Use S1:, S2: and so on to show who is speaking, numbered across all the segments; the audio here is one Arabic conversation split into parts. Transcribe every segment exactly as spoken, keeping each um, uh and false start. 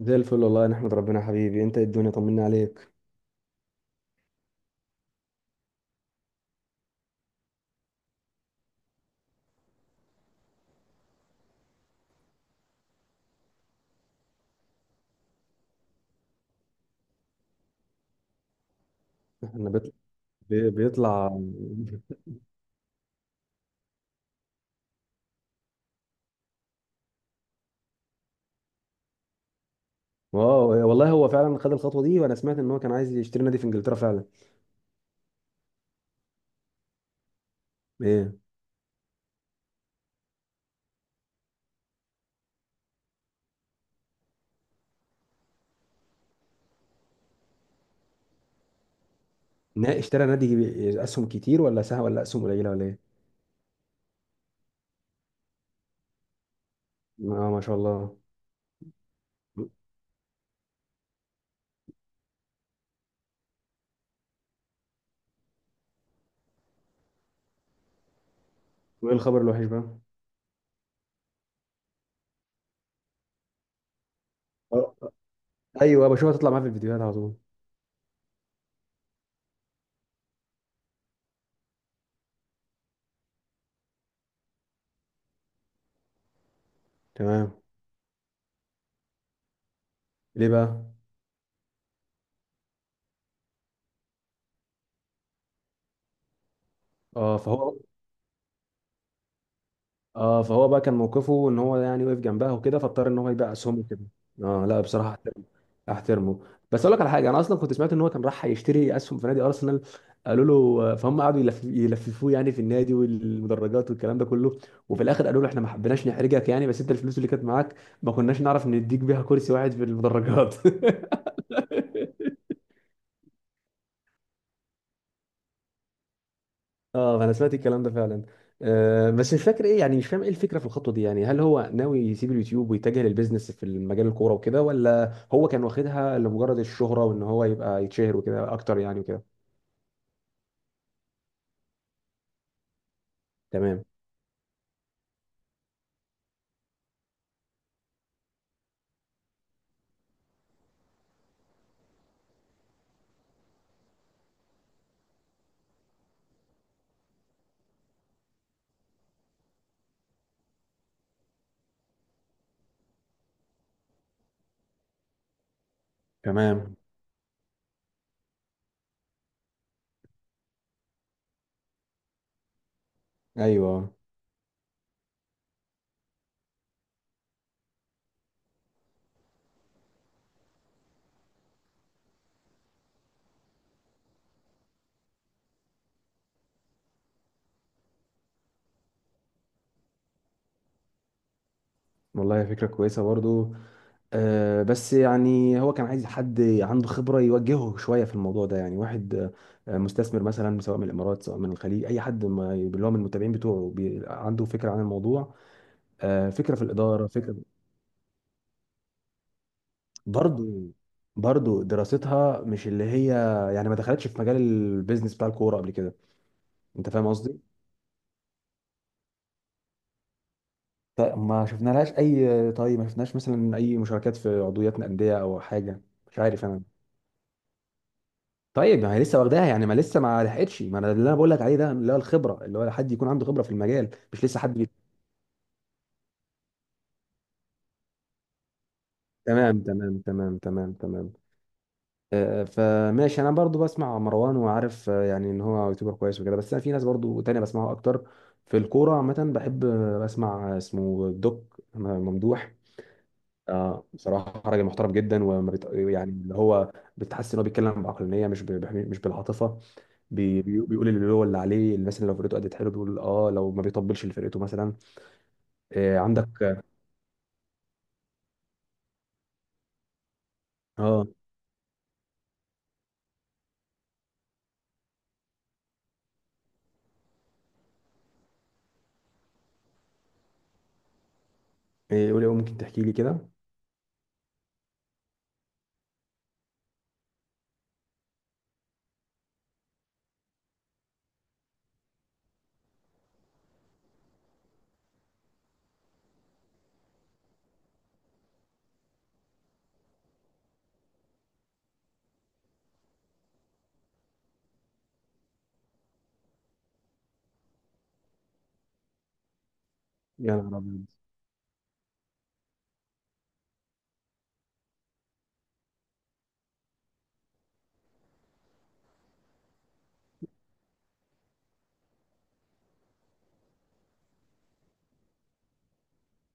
S1: زي الفل والله، نحمد ربنا. حبيبي انت، ايه الدنيا؟ طمنا عليك. احنا بيط... بي- بيطلع. واو، والله هو فعلا خد الخطوه دي، وانا سمعت ان هو كان عايز يشتري نادي في انجلترا فعلا. ايه؟ نا- اشترى نادي ب- اسهم كتير، ولا سهم، ولا اسهم قليله، ولا ايه؟ اه، ما شاء الله. وايه الخبر الوحش بقى؟ اه، ايوه، بشوفها تطلع معاه في الفيديوهات على طول. تمام. ليه بقى؟ اه فهو اه فهو بقى كان موقفه، ان هو يعني وقف جنبها وكده، فاضطر ان هو يبيع اسهمه كده. اه، لا، بصراحه احترمه. احترمه. بس اقول لك على حاجه، انا اصلا كنت سمعت ان هو كان راح يشتري اسهم في نادي ارسنال. قالوا له، آه، فهم قعدوا يلف- يلففوه يعني في النادي والمدرجات والكلام ده كله، وفي الاخر قالوا له احنا ما حبيناش نحرجك يعني، بس انت الفلوس اللي كانت معاك، ما كناش نعرف نديك بيها كرسي واحد في المدرجات. اه، انا سمعت الكلام ده فعلا. آه بس مش فاكر ايه، يعني مش فاهم ايه الفكره في الخطوه دي. يعني هل هو ناوي يسيب اليوتيوب ويتجه للبيزنس في مجال الكوره وكده، ولا هو كان واخدها لمجرد الشهره، وان هو يبقى يتشهر وكده اكتر يعني، وكده؟ تمام، تمام، ايوه. والله فكره كويسه برضو. آه بس يعني هو كان عايز حد عنده خبرة يوجهه شوية في الموضوع ده. يعني واحد، آه مستثمر مثلا، سواء من الإمارات، سواء من الخليج، أي حد ما اللي هو من المتابعين بتوعه، بي- عنده فكرة عن الموضوع، آه فكرة في الإدارة، فكره. برضو برضو دراستها مش اللي هي. يعني ما دخلتش في مجال البيزنس بتاع الكوره قبل كده. انت فاهم قصدي. ف- ما شفنا لهاش اي، طيب ما شفناش مثلا اي مشاركات في عضويات انديه او حاجه، مش عارف انا. طيب ما هي لسه واخداها يعني، ما لسه ما لحقتش. ما انا اللي انا بقول لك عليه ده، اللي هو الخبره، اللي هو حد يكون عنده خبره في المجال، مش لسه حد بي... تمام، تمام، تمام، تمام، تمام. آه، فماشي، انا برضو بسمع مروان وعارف، آه، يعني ان هو يوتيوبر كويس وكده، بس أنا في ناس برضو تانية بسمعها اكتر. في الكورة عامة بحب آه، بسمع اسمه دوك ممدوح. آه بصراحة راجل محترم جدا، وما بيط... يعني اللي هو. بتحس ان هو بيتكلم بعقلانية، مش ب... بح- مش بالعاطفة. بي... بي- بيقول اللي هو اللي عليه، اللي مثلا لو فرقته أدت حلو بيقول اه، لو ما بيطبلش لفرقته مثلا. آه عندك. اه. إيه، قولي، أه ممكن تحكي لي كده؟ يا نهار أبيض.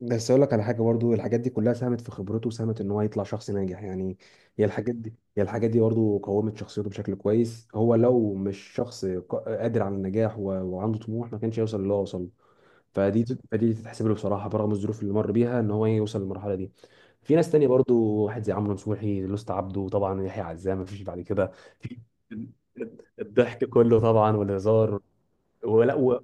S1: بس اقول لك على حاجه برضو، الحاجات دي كلها ساهمت في خبرته، وساهمت ان هو يطلع شخص ناجح يعني. هي الحاجات دي هي الحاجات دي برضو قومت شخصيته بشكل كويس. هو لو مش شخص ق- قادر على النجاح، و- وعنده طموح، ما كانش يوصل اللي هو وصل له. فدي تت- فدي تتحسب له بصراحه، برغم الظروف اللي مر بيها ان هو يوصل للمرحله دي. في ناس تانية برضو. واحد زي عمرو نصوحي، لوست عبده طبعا، يحيى عزام. ما فيش بعد كده. في الضحك كله طبعا والهزار. ولا و...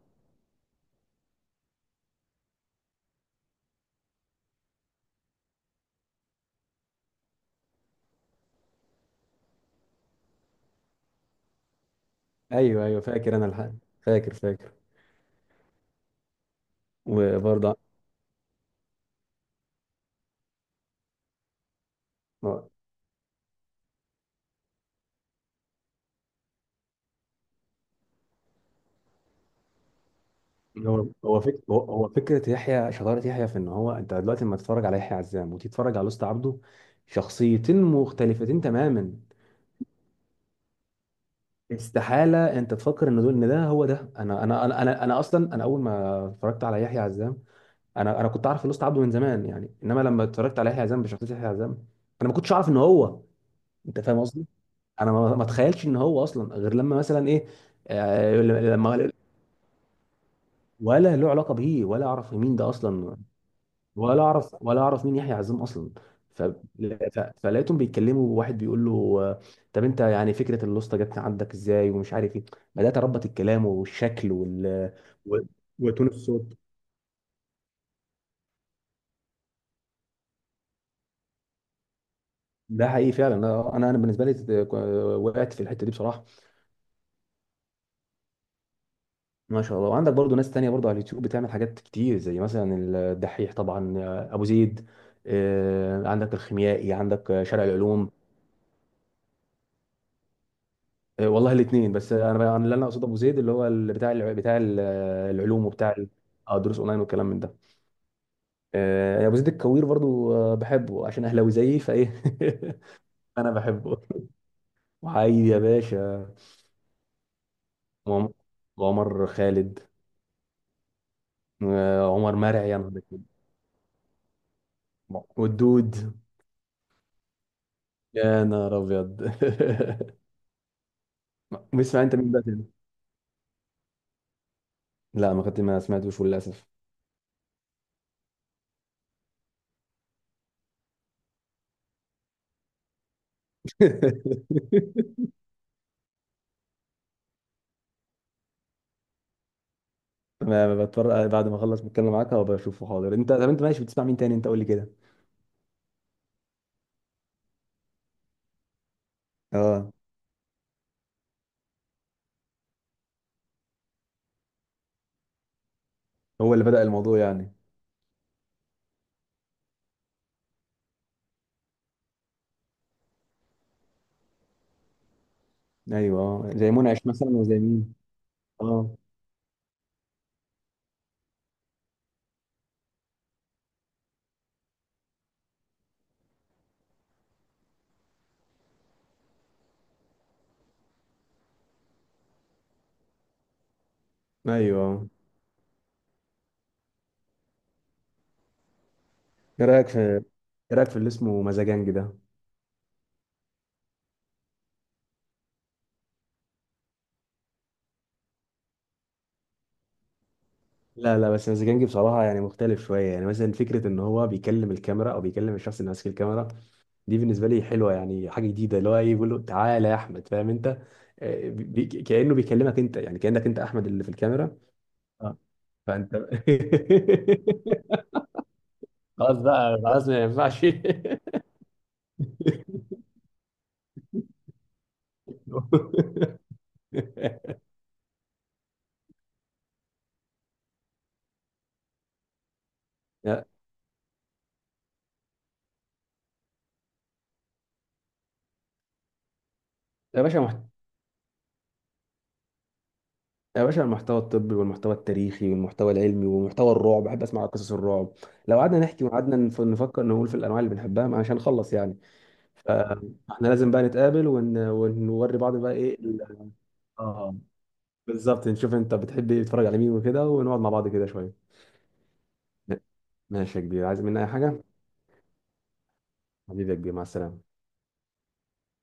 S1: ايوه، ايوه، فاكر انا الحق. فاكر، فاكر. وبرضه هو هو فك... هو هو فكره يحيى. شطاره يحيى في ان هو، انت دلوقتي لما تتفرج على يحيى عزام وتتفرج على لوست عبده، شخصيتين مختلفتين تماما. استحاله انت تفكر ان دول، ان ده هو ده، انا انا انا انا, أنا اصلا انا اول ما اتفرجت على يحيى عزام. انا انا كنت عارف لوست عبده من زمان يعني، انما لما اتفرجت على يحيى عزام بشخصيه يحيى عزام، انا ما كنتش اعرف ان هو. انت فاهم قصدي. انا ما ما اتخيلش ان هو اصلا، غير لما مثلا ايه. آه، لما ولا له علاقه بيه، ولا اعرف مين ده اصلا. ولا اعرف، ولا اعرف مين يحيى عزام اصلا. ف... ف... فلقيتهم بيتكلموا، وواحد بيقول له، آه، طب انت يعني، فكره اللوسته جت عندك ازاي، ومش عارف ايه. بدات اربط الكلام والشكل وال و- وتون الصوت. ده حقيقي فعلا. انا انا أنا بالنسبه لي، آه، وقعت في الحته دي بصراحه. ما شاء الله. وعندك برضو ناس تانية برضو على اليوتيوب بتعمل حاجات كتير، زي مثلا الدحيح طبعا، آه، ابو زيد. آه، عندك الخيميائي، عندك آه، شارع العلوم. آه، والله الاثنين. بس انا بقى- أنا اللي انا اقصده ابو زيد، اللي هو ال- بتاع الع- بتاع ال- العلوم، وبتاع ال- اه دروس اونلاين والكلام من ده. آه، ابو زيد الكوير برضو، آه، بحبه عشان اهلاوي زيي فايه. انا بحبه. وعايد يا باشا. وعم- وعمر خالد. وعمر مرعي، يا نهار أسود. والدود. يا نهار ابيض. بتسمع انت مين بقى تاني؟ لا، ما كنت ما سمعتوش للاسف. ما ما بتفرج بعد ما اخلص بتكلم معاك وبشوفه حاضر. انت طب، انت ماشي بتسمع مين تاني، انت قول لي كده. اه. هو اللي بدأ الموضوع يعني؟ ايوه، اه زي منعش مثلا، وزي مين؟ اه، ايوه، اه. ايه رايك في ايه رايك في اللي اسمه مزاجنجي ده؟ لا، لا، بس مزاجنجي بصراحه يعني مختلف شويه، يعني مثلا فكره ان هو بيكلم الكاميرا، او بيكلم الشخص اللي ماسك الكاميرا. دي بالنسبه لي حلوه، يعني حاجه جديده، اللي هو إيه، بيقول له تعالى يا احمد، فاهم انت؟ آه، بي بي- كانه بيكلمك انت، يعني كانك انت احمد اللي في الكاميرا. اه، فانت. خلاص بقى خلاص ما ينفعش. يا يا باشا، يا باشا، المحتوى الطبي والمحتوى التاريخي والمحتوى العلمي ومحتوى الرعب، بحب اسمع قصص الرعب. لو قعدنا نحكي، وقعدنا نف- نفكر نقول في الانواع اللي بنحبها، ما- مش هنخلص يعني. فاحنا لازم بقى نتقابل، ون... ونوري بعض بقى ايه ال- اه. بالظبط، نشوف انت بتحب ايه، تتفرج على مين وكده، ونقعد مع بعض كده شويه. ماشي يا كبير، عايز مني اي حاجه؟ حبيبي يا كبير، مع السلامه.